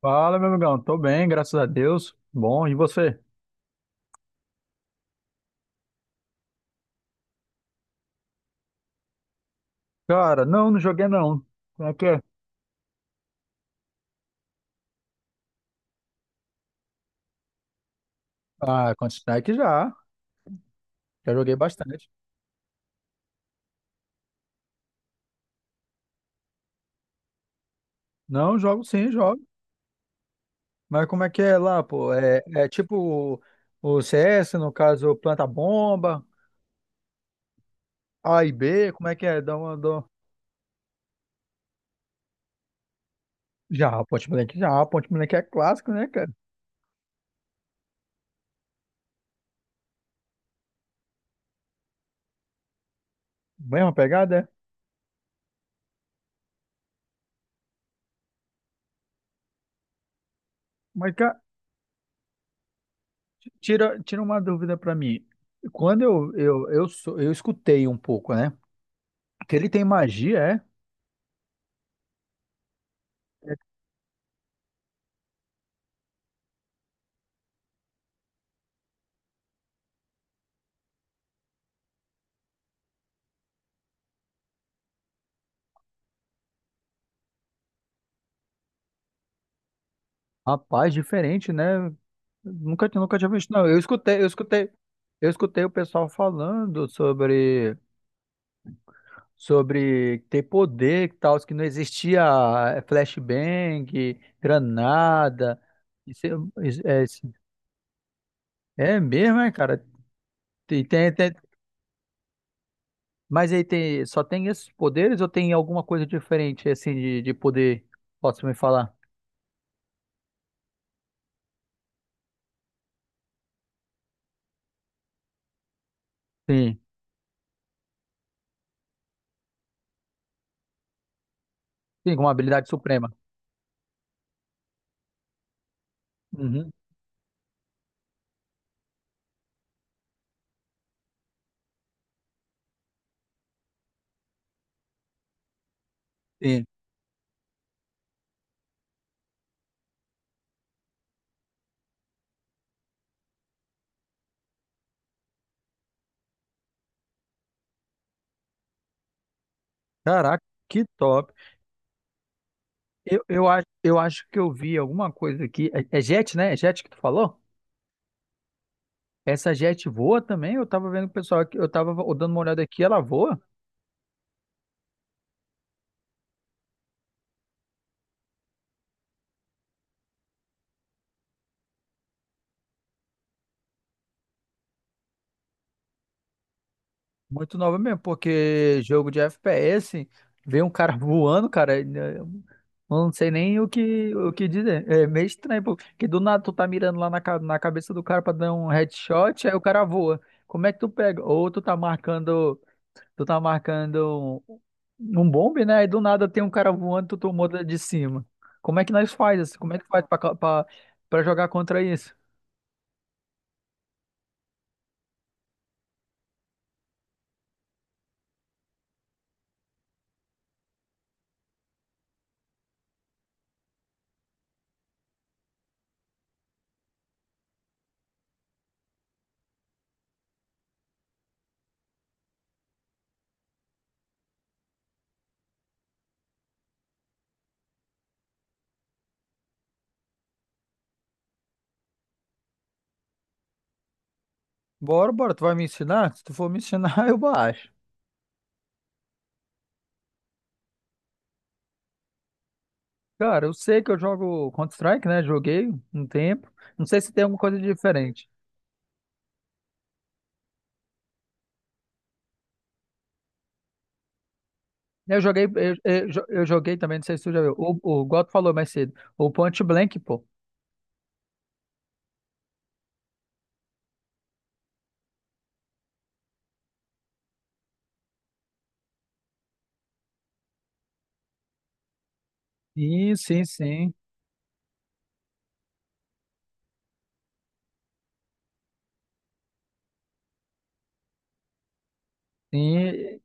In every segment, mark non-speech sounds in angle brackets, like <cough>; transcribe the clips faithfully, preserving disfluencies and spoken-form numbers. Fala, meu amigão. Tô bem, graças a Deus. Bom, e você? Cara, não, não joguei não. Como é que é? Ah, Counter-Strike já. Já joguei bastante. Não, jogo sim, jogo. Mas como é que é lá, pô? É, é tipo o o C S, no caso, planta bomba, A e B, como é que é? Dá uma, dá... Já, Point Blank já. Point Blank é clássico, né, cara? Mesma pegada, é? Mas, cara, tira, tira uma dúvida pra mim. Quando eu, eu, eu, sou, eu escutei um pouco, né? Que ele tem magia, é? Rapaz, diferente, né? Nunca, tinha- nunca tinha visto, não. Eu escutei, eu escutei, eu escutei o pessoal falando sobre, sobre ter poder e tal, que não existia eh, flashbang, granada. Isso é, isso é, isso- é mesmo, é, cara? Tem, tem, tem- mas aí tem, só tem esses poderes ou tem alguma coisa diferente, assim, de, de poder? Posso me falar? Sim, sim, com uma habilidade suprema. Uhum, sim. Caraca, que top. Eu, eu, acho, eu acho que eu vi alguma coisa aqui. É, é Jet, né? É Jet que tu falou? Essa Jet voa também? Eu tava vendo o pessoal aqui, eu tava dando uma olhada aqui, ela voa? Muito nova mesmo, porque jogo de F P S, vê um cara <laughs> voando, cara, eu não sei nem o que, o que dizer. É meio estranho, pô, porque do nada tu tá mirando lá na, ca- na cabeça do cara pra dar um headshot, aí o cara voa. Como é que tu pega? Ou tu tá marcando. Tu tá marcando um, um bombe, né? E do nada tem um cara voando, tu tomou da- de cima. Como é que nós faz isso? Como é que faz pra, ca- pra, pra jogar contra isso? Bora, bora, tu vai me ensinar? Se tu for me ensinar, <laughs> eu baixo. Cara, eu sei que eu jogo Counter-Strike, né? Joguei um tempo. Não sei se tem alguma coisa diferente. Eu joguei, eu, eu, jo- eu joguei também, não sei se tu já viu. O, o Goto falou mais cedo. O Point Blank, pô. Sim, sim, sim. Sim.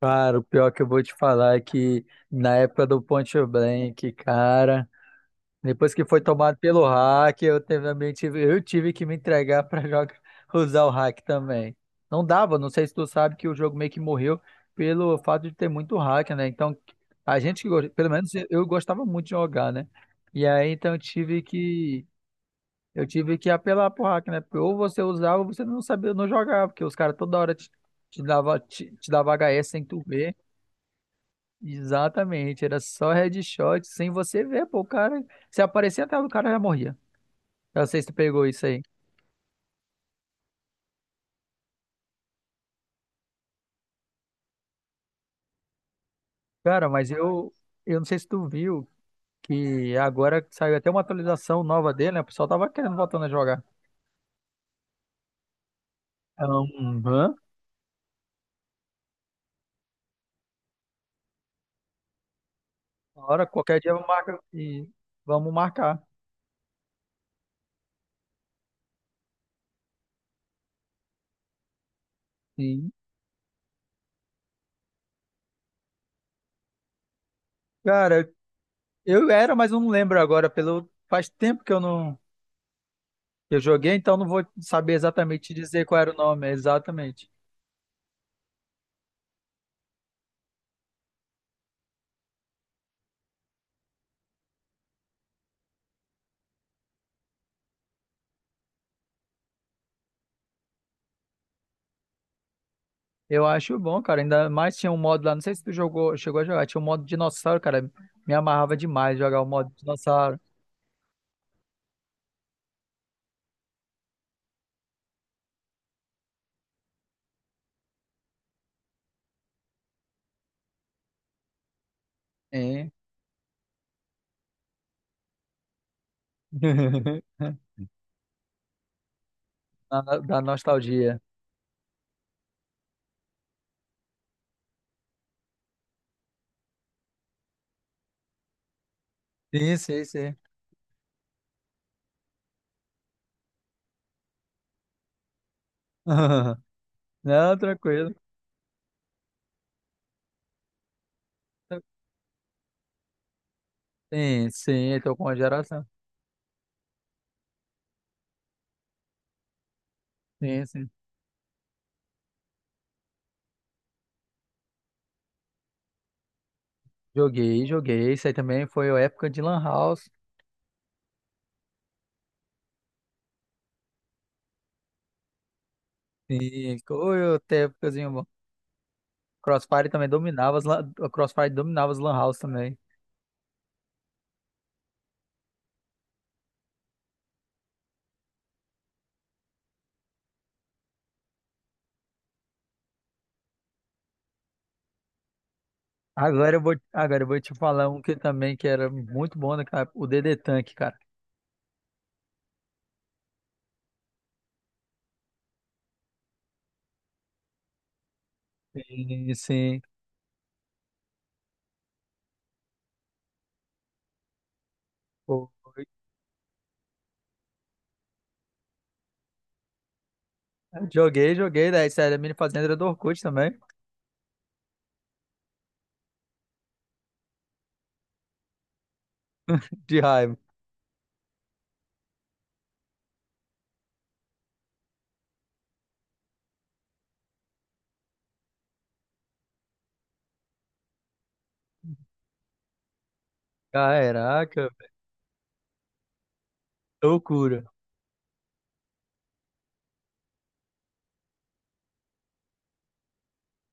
Cara, o pior que eu vou te falar é que na época do Ponte Blank, cara, depois que foi tomado pelo hack, eu também tive, eu tive que me entregar <laughs> pra jogar, usar o hack também. Não dava, não sei se tu sabe que o jogo meio que morreu pelo fato de ter muito hack, né? Então, a gente, que go- pelo menos eu gostava muito de jogar, né? E aí, então, eu tive que, eu tive que apelar pro hack, né? Porque ou você usava ou você não sabia, não jogava, porque os caras toda hora te, te dava, te, te dava H S sem tu ver. Exatamente, era só headshot sem você ver, pô, o cara, se aparecia até o cara já morria. Eu não sei se tu pegou isso aí. Cara, mas eu, eu não sei se tu viu que agora saiu até uma atualização nova dele, né? O pessoal tava querendo voltando a jogar. Aham. Hora, qualquer dia eu marco e vamos marcar. Sim. Cara, eu era, mas eu não lembro agora, pelo faz tempo que eu não eu joguei, então não vou saber exatamente te dizer qual era o nome, exatamente. Eu acho bom, cara. Ainda mais tinha um modo lá, não sei se tu jogou, chegou a jogar, tinha um modo dinossauro, cara. Me amarrava demais jogar o modo dinossauro. Hein? <laughs> Da, da nostalgia. Sim, sim, sim. <laughs> Não, tranquilo. Sim, sim, tô com a geração. Sim, sim. Joguei, joguei. Isso aí também foi a época de Lan House. Sim, foi até épocazinho bom. Crossfire também dominava, as lan- o Crossfire dominava as Lan House também. Agora eu vou, agora eu vou te falar um que também que era muito bom, né, cara? O D D Tank, cara. Sim, sim. Pô, joguei, joguei, daí sério, a mini fazenda do Orkut também, <laughs> de raiva. Caraca, loucura.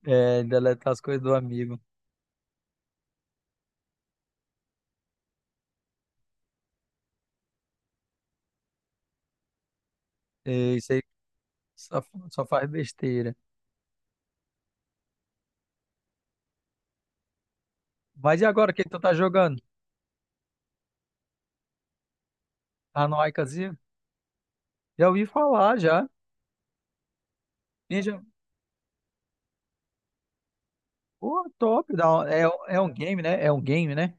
É, deletar as coisas do amigo. E isso aí só, só faz besteira. Mas e agora, quem tu tá jogando? Anoaikazinha? Já ouvi falar, já. Ninja, pô, top. dá um- É, é um game, né? É um game, né?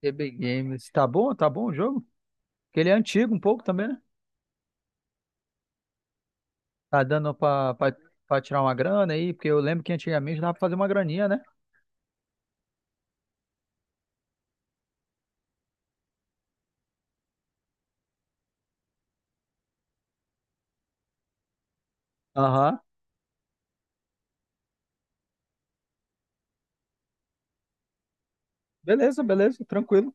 T B Games. Tá bom? Tá bom o jogo? Porque ele é antigo um pouco também, né? Tá dando pra, pra, pra tirar uma grana aí? Porque eu lembro que antigamente dava pra fazer uma graninha, né? Aham. Beleza, beleza, tranquilo.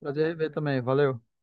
Prazer em ver também, valeu.